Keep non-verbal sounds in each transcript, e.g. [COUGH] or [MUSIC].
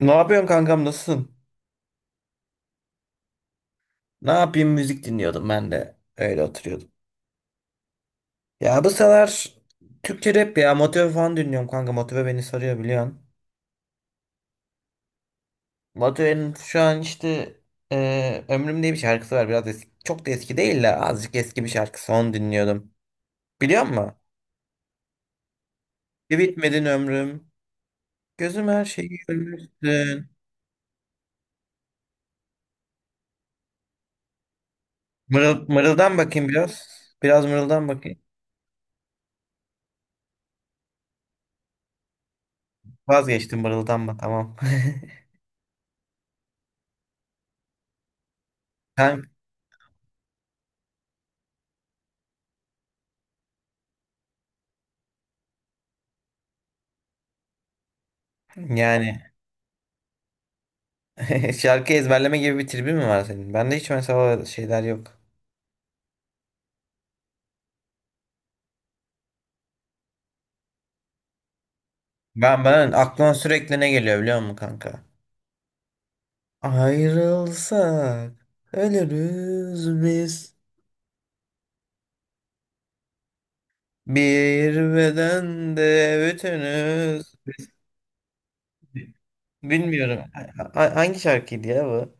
Ne yapıyorsun kankam nasılsın? Ne yapayım müzik dinliyordum ben de. Öyle oturuyordum. Ya bu sıralar Türkçe rap ya Motive falan dinliyorum kanka. Motive beni sarıyor biliyorsun. Motive'nin şu an işte Ömrüm diye bir şarkısı var. Biraz eski, çok da eski değil de azıcık eski bir şarkısı. Onu dinliyordum. Biliyor musun? Bir bitmedin ömrüm. Gözüm her şeyi görmüşsün. Mırıldan bakayım biraz. Biraz mırıldan bakayım. Vazgeçtim mırıldanma tamam. [LAUGHS] Kanka, yani. [LAUGHS] Şarkı ezberleme gibi bir tribin mi var senin? Bende hiç mesela şeyler yok. Ben aklıma sürekli ne geliyor biliyor musun kanka? Ayrılsak ölürüz biz. Bir bedende bütünüz. Bilmiyorum. Hangi şarkıydı ya bu?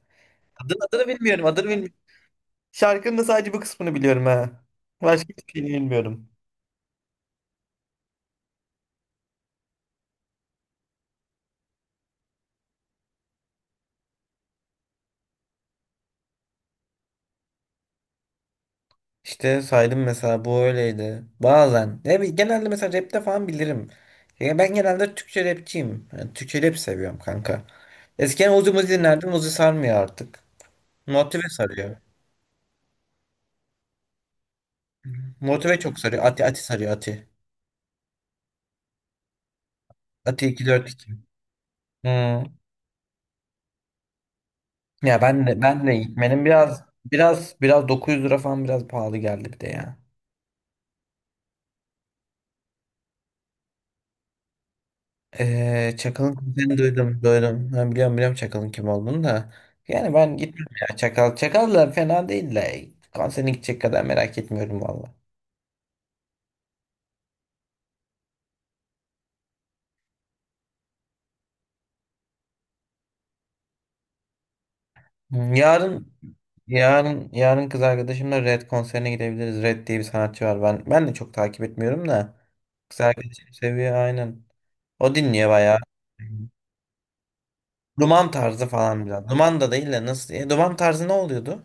Adını, adını bilmiyorum, adını bilmiyorum. Şarkının da sadece bu kısmını biliyorum ha. Başka hiçbir şeyini bilmiyorum. İşte saydım mesela bu öyleydi. Bazen. Ya genelde mesela rapte falan bilirim. Ya ben genelde Türkçe rapçiyim. Yani Türkçe rap seviyorum kanka. Eskiden Uzi Muzi dinlerdim. Uzi sarmıyor artık. Motive sarıyor. Motive çok sarıyor. Ati Ati sarıyor Ati. Ati 242. Hmm. Ya ben de benim biraz 900 lira falan biraz pahalı geldi bir de ya. Çakal'ın kimliğini duydum, duydum. Ben biliyorum biliyorum Çakal'ın kim olduğunu da. Yani ben gitmem ya Çakal. Çakal da fena değil de konserine gidecek kadar merak etmiyorum valla. Hmm, Yarın yarın kız arkadaşımla Red konserine gidebiliriz. Red diye bir sanatçı var. Ben de çok takip etmiyorum da kız arkadaşım seviyor aynen. O dinliyor bayağı. Duman tarzı falan biraz. Duman da değil de nasıl? Duman tarzı ne oluyordu?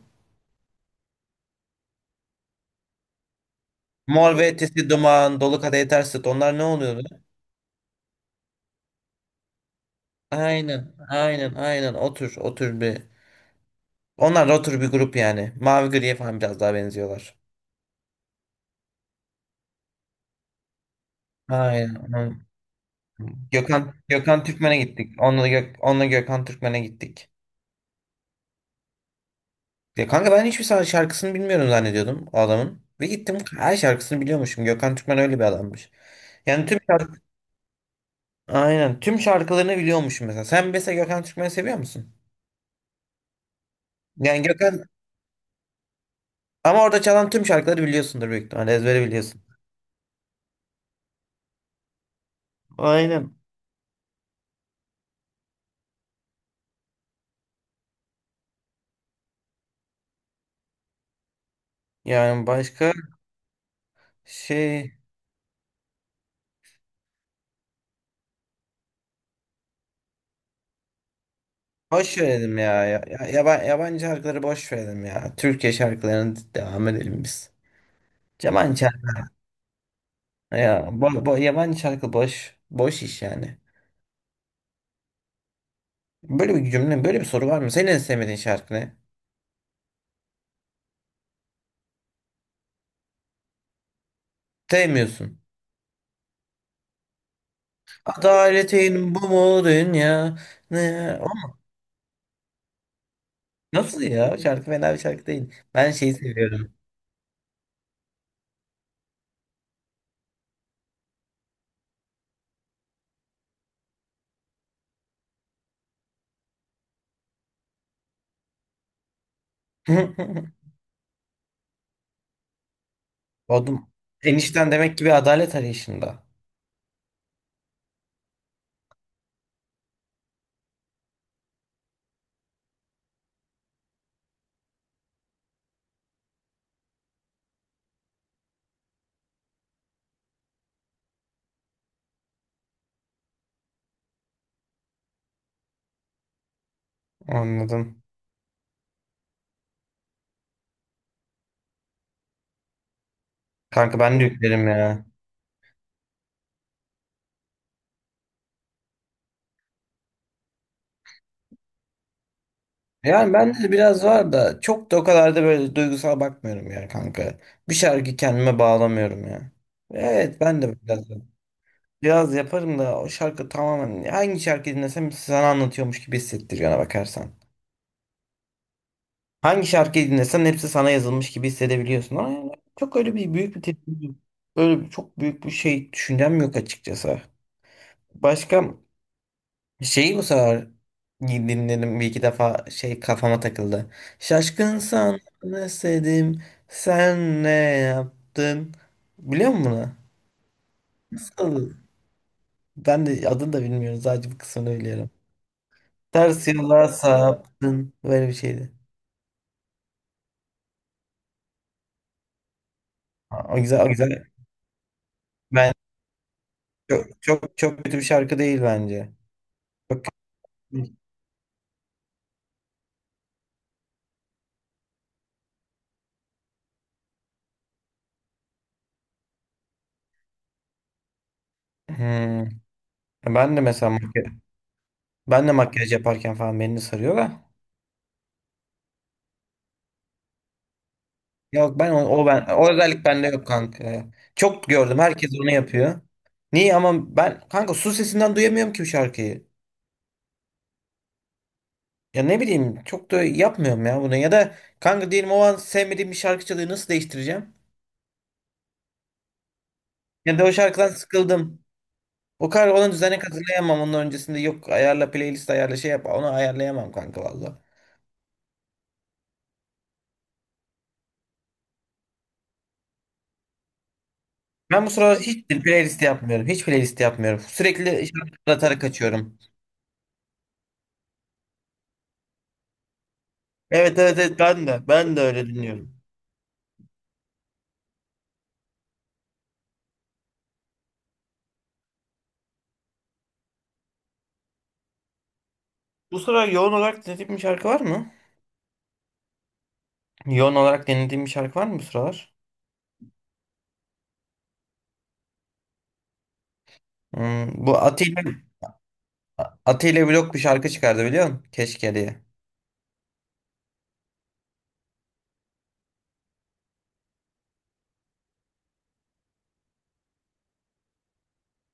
Mor ve Ötesi, Duman, Dolu Kadehi Ters Tut onlar ne oluyordu? Aynen, aynen, aynen. Otur, otur bir. Onlar da otur bir grup yani. Mavi griye falan biraz daha benziyorlar. Aynen. Aynen. Gökhan Türkmen'e gittik. Onunla Gökhan Türkmen'e gittik. Ya kanka ben hiçbir şarkısını bilmiyorum zannediyordum o adamın. Ve gittim her şarkısını biliyormuşum. Gökhan Türkmen öyle bir adammış. Yani tüm şarkı, aynen tüm şarkılarını biliyormuşum mesela. Sen mesela Gökhan Türkmen'i seviyor musun? Yani ama orada çalan tüm şarkıları biliyorsundur büyük ihtimalle ezbere biliyorsun. Aynen. Yani başka şey Boş verelim ya. Ya, yabancı şarkıları boş verelim ya. Türkiye şarkılarına devam edelim biz. Yabancı şarkı, ya, bo, bo- yabancı şarkı boş. Boş iş yani. Böyle bir soru var mı? Senin en sevmediğin şarkı ne? Sevmiyorsun. Adaletin bu mu dünya? Ne? O mu? Nasıl ya? O şarkı fena bir şarkı değil. Ben şeyi seviyorum. [LAUGHS] Oğlum enişten demek ki bir adalet arayışında. Anladım. Kanka ben de yüklerim ya. Yani bende de biraz var da çok da o kadar da böyle duygusal bakmıyorum ya kanka. Bir şarkı kendime bağlamıyorum ya. Evet ben de biraz yaparım da o şarkı tamamen hangi şarkı dinlesem sana anlatıyormuş gibi hissettiriyor ona bakarsan. Hangi şarkıyı dinlesen hepsi sana yazılmış gibi hissedebiliyorsun. Ama yani çok öyle bir büyük bir tepki, yok. Öyle bir, çok büyük bir şey düşüncem yok açıkçası. Başka şeyi bu sefer dinledim bir iki defa şey kafama takıldı. Şaşkın sana özledim, sen ne yaptın? Biliyor musun bunu? Nasıl? Ben de adını da bilmiyorum sadece bu kısmını biliyorum. Ters yola saptın böyle bir şeydi. Ha, o güzel o güzel. Ben çok çok çok kötü bir şarkı değil bence. Çok Hmm. Ben de mesela makyaj, ben de makyaj yaparken falan beni de sarıyor da. Yok ben o, o ben o özellik bende yok kanka ya. Çok gördüm herkes onu yapıyor. Niye ama ben kanka su sesinden duyamıyorum ki bu şarkıyı. Ya ne bileyim çok da yapmıyorum ya bunu. Ya da kanka diyelim o an sevmediğim bir şarkı çalıyor nasıl değiştireceğim? Ya da o şarkıdan sıkıldım. O kadar ona düzenek hazırlayamam onun öncesinde yok ayarla playlist ayarla şey yap onu ayarlayamam kanka vallahi. Ben bu sıralar hiç playlist yapmıyorum. Hiç playlist yapmıyorum. Sürekli şarkı aratarak kaçıyorum. Evet evet evet ben de. Ben de öyle dinliyorum. Bu sıralar yoğun olarak dinlediğim bir şarkı var mı? Yoğun olarak dinlediğim bir şarkı var mı bu sıralar? Bu Atilla Blok bir şarkı çıkardı biliyor musun? Keşke diye.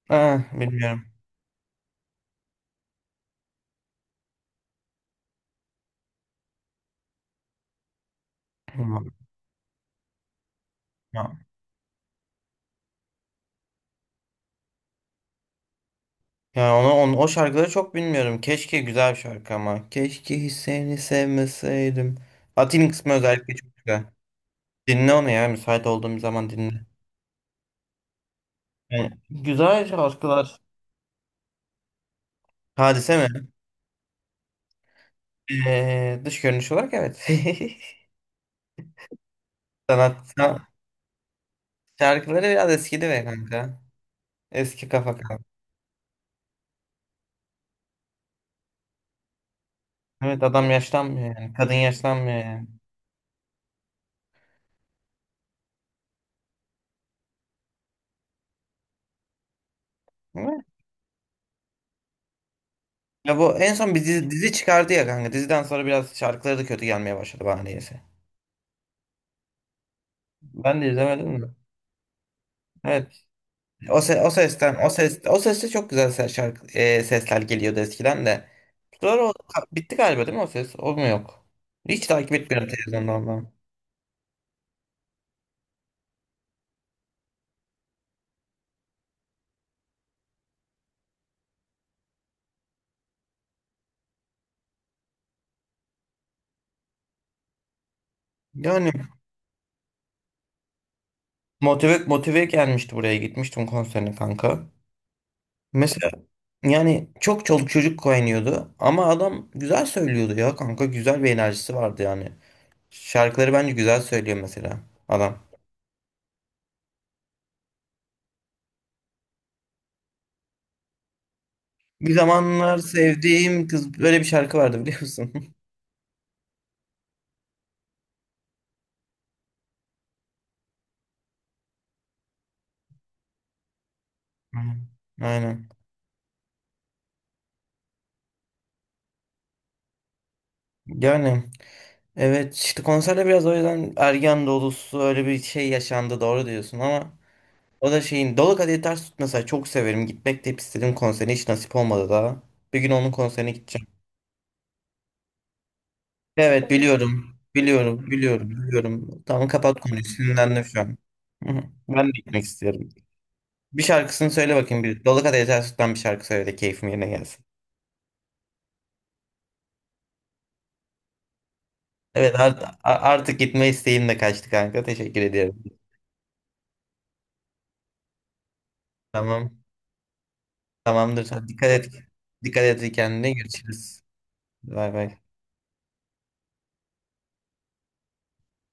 Ha, bilmiyorum. Bilmiyorum. Ya yani o şarkıları çok bilmiyorum. Keşke güzel bir şarkı ama. Keşke hiç seni sevmeseydim. Atilla'nın kısmı özellikle çok güzel. Dinle onu ya müsait olduğum zaman dinle. Yani güzel şarkılar. Hadise mi? Dış görünüş olarak evet. [LAUGHS] Sanatta şarkıları biraz eskidi be kanka. Eski kafa kanka. Evet adam yaşlanmıyor yani. Kadın yaşlanmıyor yani. Değil mi? Ya bu en son bir dizi çıkardı ya kanka. Diziden sonra biraz şarkıları da kötü gelmeye başladı bana niyeyse. Ben de izlemedim de. Evet. O seste çok güzel sesler geliyordu eskiden de. Sonra bitti galiba değil mi o ses? O mu yok? Hiç takip etmiyorum televizyonda ondan. Yani Motive gelmişti buraya gitmiştim konserine kanka. Mesela yani çok çoluk çocuk koynuyordu ama adam güzel söylüyordu ya kanka güzel bir enerjisi vardı yani. Şarkıları bence güzel söylüyor mesela adam. Bir zamanlar sevdiğim kız böyle bir şarkı vardı biliyor musun? [LAUGHS] Aynen. Aynen. Yani evet işte konserde biraz o yüzden ergen dolusu öyle bir şey yaşandı doğru diyorsun ama. O da şeyin Dolu Kadehi Ters Tut mesela çok severim. Gitmek de hep istedim konserine hiç nasip olmadı daha. Bir gün onun konserine gideceğim. Evet biliyorum. Biliyorum. Biliyorum. Biliyorum. Tamam kapat konuyu. Sinirlendim şu an. Hı hı. Ben de gitmek istiyorum. Bir şarkısını söyle bakayım. Bir. Dolu Kadehi Ters Tut'tan bir şarkı söyle de keyfim yerine gelsin. Evet artık gitme isteğim de kaçtı kanka. Teşekkür ediyorum. Tamam. Tamamdır. Hadi dikkat et. Dikkat et kendine. Görüşürüz. Bay bay.